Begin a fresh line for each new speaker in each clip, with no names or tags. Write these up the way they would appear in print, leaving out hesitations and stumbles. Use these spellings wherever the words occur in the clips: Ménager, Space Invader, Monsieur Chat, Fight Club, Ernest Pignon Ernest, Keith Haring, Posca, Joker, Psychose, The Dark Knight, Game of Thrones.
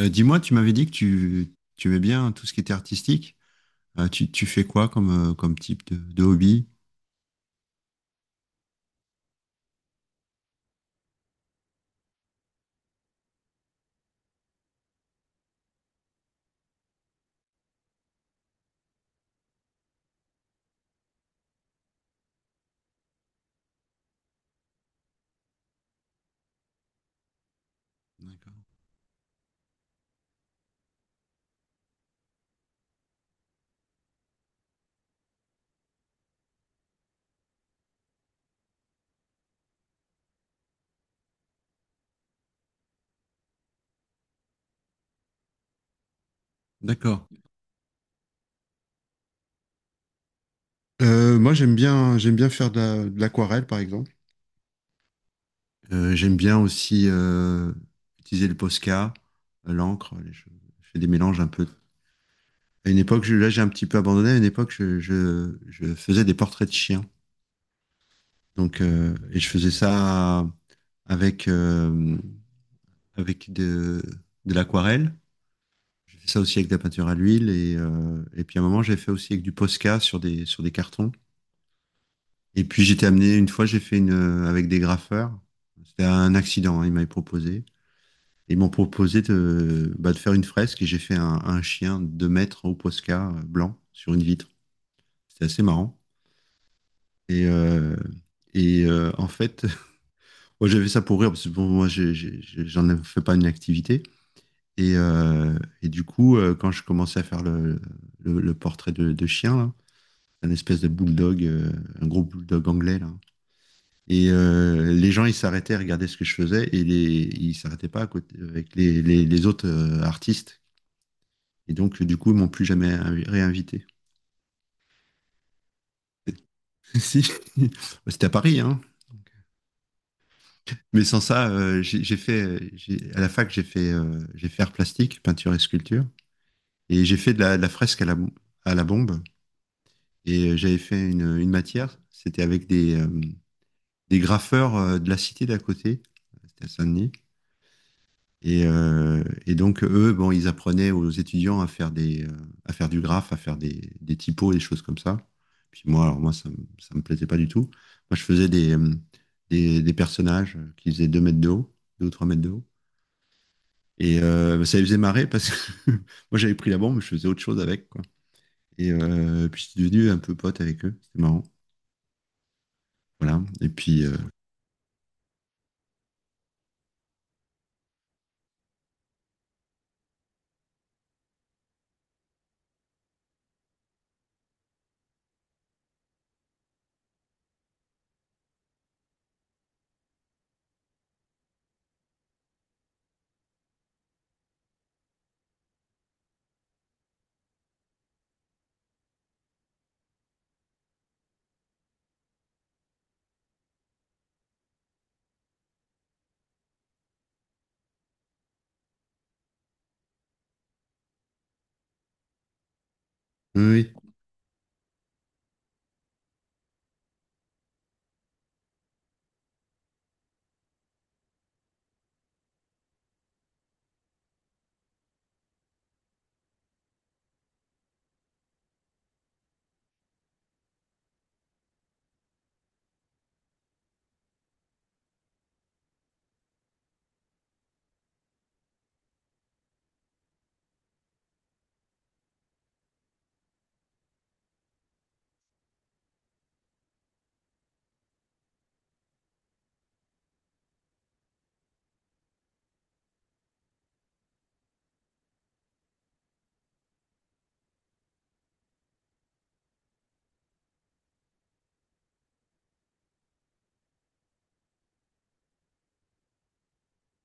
Dis-moi, tu m'avais dit que tu aimais bien tout ce qui était artistique. Tu fais quoi comme, comme type de hobby? D'accord. D'accord. Moi, j'aime bien faire de l'aquarelle, par exemple. J'aime bien aussi utiliser le Posca, l'encre, les choses. Je fais des mélanges un peu. À une époque, là, j'ai un petit peu abandonné. À une époque, je faisais des portraits de chiens. Donc, et je faisais ça avec, avec de l'aquarelle. J'ai fait ça aussi avec de la peinture à l'huile et puis à un moment j'ai fait aussi avec du Posca sur des cartons. Et puis j'étais amené une fois j'ai fait une avec des graffeurs. C'était un accident, hein, ils m'avaient proposé. Ils m'ont proposé de faire une fresque et j'ai fait un chien de 2 mètres au Posca blanc sur une vitre. C'était assez marrant. Et euh, En fait, moi j'avais ça pour rire parce que bon, moi fais pas une activité. Et, euh, et du coup, quand je commençais à faire le portrait de chien, là, un espèce de bulldog, un gros bulldog anglais là. Les gens, ils s'arrêtaient à regarder ce que je faisais et ils s'arrêtaient pas à côté avec les autres artistes. Et donc, du coup, ils m'ont plus jamais réinvité. Si, c'était à Paris, hein. Mais sans ça, à la fac, j'ai fait art plastique, peinture et sculpture, et j'ai fait de la fresque à la bombe. J'avais fait une matière, c'était avec des graffeurs de la cité d'à côté, c'était à Saint-Denis. Et donc, eux, bon, ils apprenaient aux étudiants à faire du graphe, à faire des typos, des choses comme ça. Puis moi, alors moi, ça, ça me plaisait pas du tout. Moi, je faisais des personnages qui faisaient 2 mètres de haut, 2 ou 3 mètres de haut. Bah, ça les faisait marrer parce que moi, j'avais pris la bombe, mais je faisais autre chose avec, quoi. Puis, je suis devenu un peu pote avec eux. C'était marrant. Voilà. Et puis, oui, oui.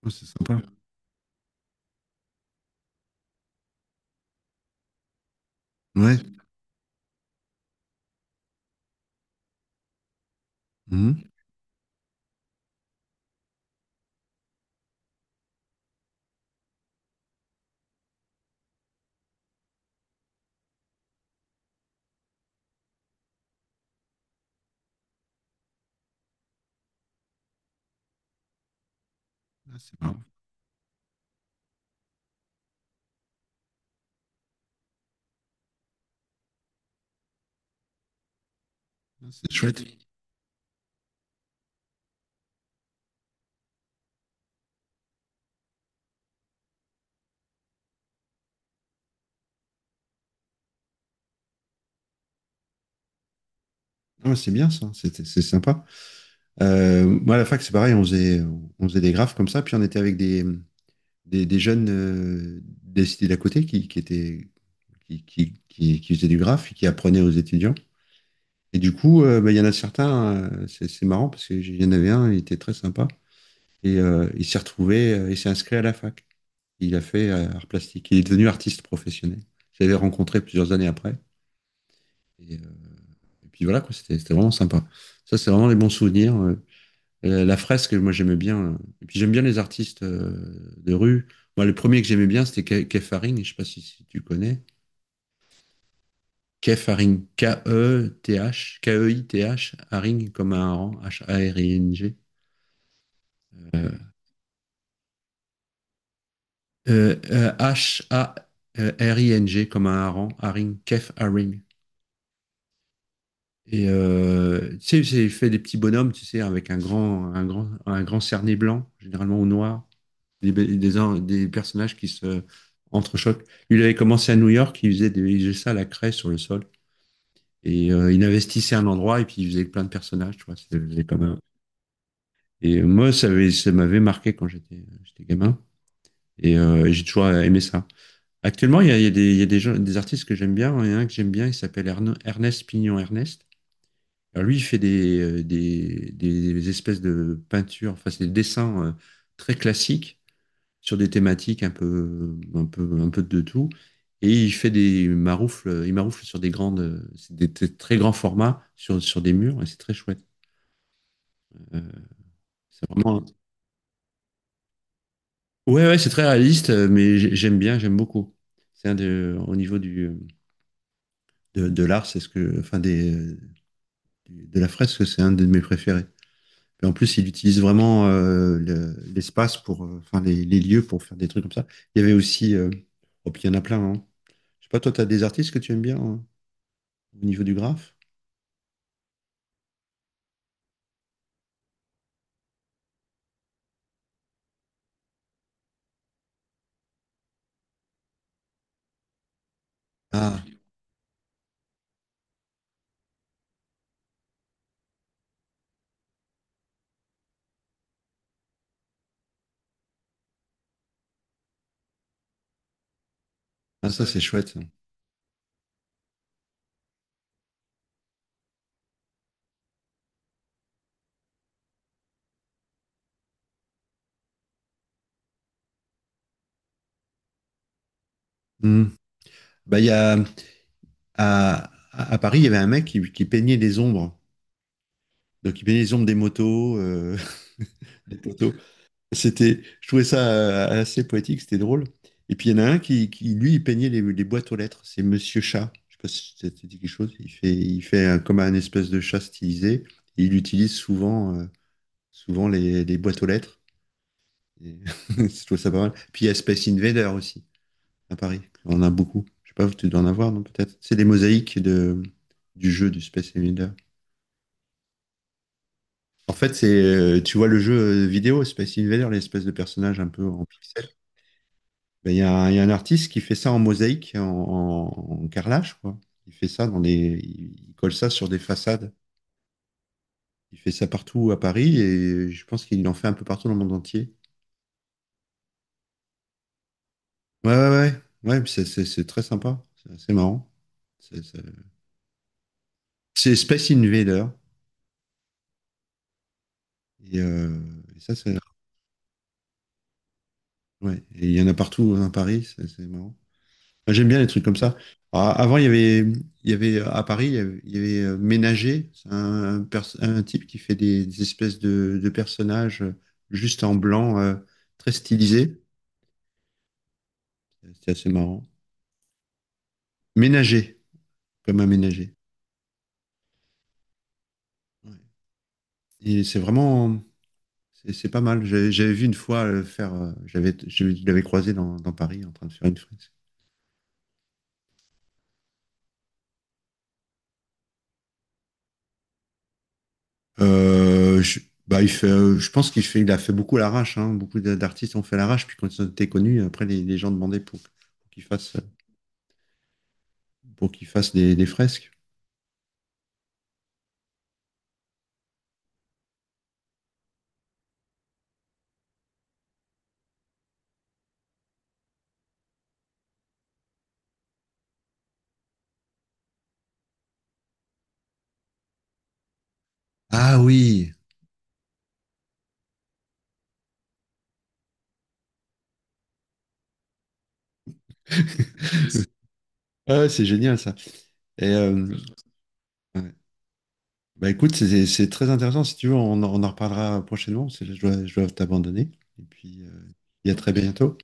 Oh, c'est sympa. Ouais. Mhm. Ah, c'est marrant. Ah, c'est chouette. Ah, c'est bien ça, c'est sympa. Moi, à la fac, c'est pareil, on faisait des graphes comme ça, puis on était avec des jeunes des cités d'à côté qui, étaient, qui faisaient du graphe et qui apprenaient aux étudiants. Et du coup, bah, il y en a certains, c'est marrant parce que j'y en avais un, il était très sympa, et il s'est inscrit à la fac. Il a fait art plastique, il est devenu artiste professionnel. Je l'avais rencontré plusieurs années après, et, euh, et puis voilà, quoi, c'était vraiment sympa. Ça, c'est vraiment les bons souvenirs. La fresque, moi j'aimais bien. Et puis j'aime bien les artistes de rue. Moi, le premier que j'aimais bien, c'était Kefaring. Je sais pas si tu connais. Kefaring, K-E-T-H, Keith, Haring comme un hareng, Haring. Haring comme un hareng, Haring, Kef Haring. Tu sais, il fait des petits bonhommes, tu sais, avec un grand cerné blanc, généralement au noir. Des personnages qui se entrechoquent. Lui, il avait commencé à New York, il faisait ça à la craie sur le sol. Il investissait un endroit et puis il faisait plein de personnages, tu vois. C'était comme un- Et moi, ça m'avait marqué quand j'étais gamin. J'ai toujours aimé ça. Actuellement, il y a des, il y a des, gens, des artistes que j'aime bien. Il y en a un que j'aime bien, il s'appelle Ernest Pignon Ernest. Alors lui, il fait des espèces de peintures, enfin, c'est des dessins très classiques, sur des thématiques un peu de tout. Et il fait des maroufles, il maroufle sur des grandes, très grands formats sur des murs et c'est très chouette. Euh, c'est vraiment, ouais, ouais, c'est très réaliste, mais j'aime bien, j'aime beaucoup. Au niveau du, de l'art, c'est ce que, enfin, de la fresque, c'est un de mes préférés. Et en plus, il utilise vraiment l'espace pour, enfin, les lieux pour faire des trucs comme ça. Il y avait aussi, oh, puis il y en a plein, hein. Je sais pas, toi, t'as des artistes que tu aimes bien, hein, au niveau du graphe. Ah, ah, ça c'est chouette. Hmm. Bah, à Paris, il y avait un mec qui peignait les ombres. Donc il peignait les ombres des motos, des poteaux. Je trouvais ça assez poétique, c'était drôle. Et puis il y en a un lui, il peignait les boîtes aux lettres. C'est Monsieur Chat. Je sais pas si ça te dit quelque chose. Comme un espèce de chat stylisé. Et il utilise souvent les boîtes aux lettres. Et je trouve ça pas mal. Puis il y a Space Invader aussi. À Paris. On en a beaucoup. Je sais pas, tu dois en avoir, non, peut-être. C'est des mosaïques du jeu du Space Invader. En fait, tu vois le jeu vidéo Space Invader, l'espèce de personnage un peu en pixel. Ben, il y a un artiste qui fait ça en mosaïque, en carrelage, quoi. Il fait ça dans les, Il colle ça sur des façades. Il fait ça partout à Paris et je pense qu'il en fait un peu partout dans le monde entier. Ouais, ouais, ouais. Ouais, puis c'est très sympa. C'est assez marrant. C'est c'est- c'est Space Invader. Et, euh, et ça, c'est ouais, et il y en a partout, hein, à Paris, c'est marrant. Moi, j'aime bien les trucs comme ça. Alors, avant, il y avait à Paris, il y avait Ménager, c'est un un type qui fait des espèces de personnages juste en blanc, très stylisés. C'est assez marrant. Ménager, comme un ménager. Ouais. Et c'est vraiment, c'est pas mal. J'avais vu une fois je l'avais croisé dans Paris en train de faire une, Euh, je, bah, je pense qu'il fait, il a fait beaucoup à l'arrache, hein. Beaucoup d'artistes ont fait à l'arrache. Puis quand ils ont été connus, après, les gens demandaient pour qu'ils fassent des fresques. Ah oui! Ah, c'est génial ça. Et euh, Bah, écoute, c'est très intéressant. Si tu veux, on en reparlera prochainement, parce que là, je dois t'abandonner. Et puis, euh, et à très bientôt.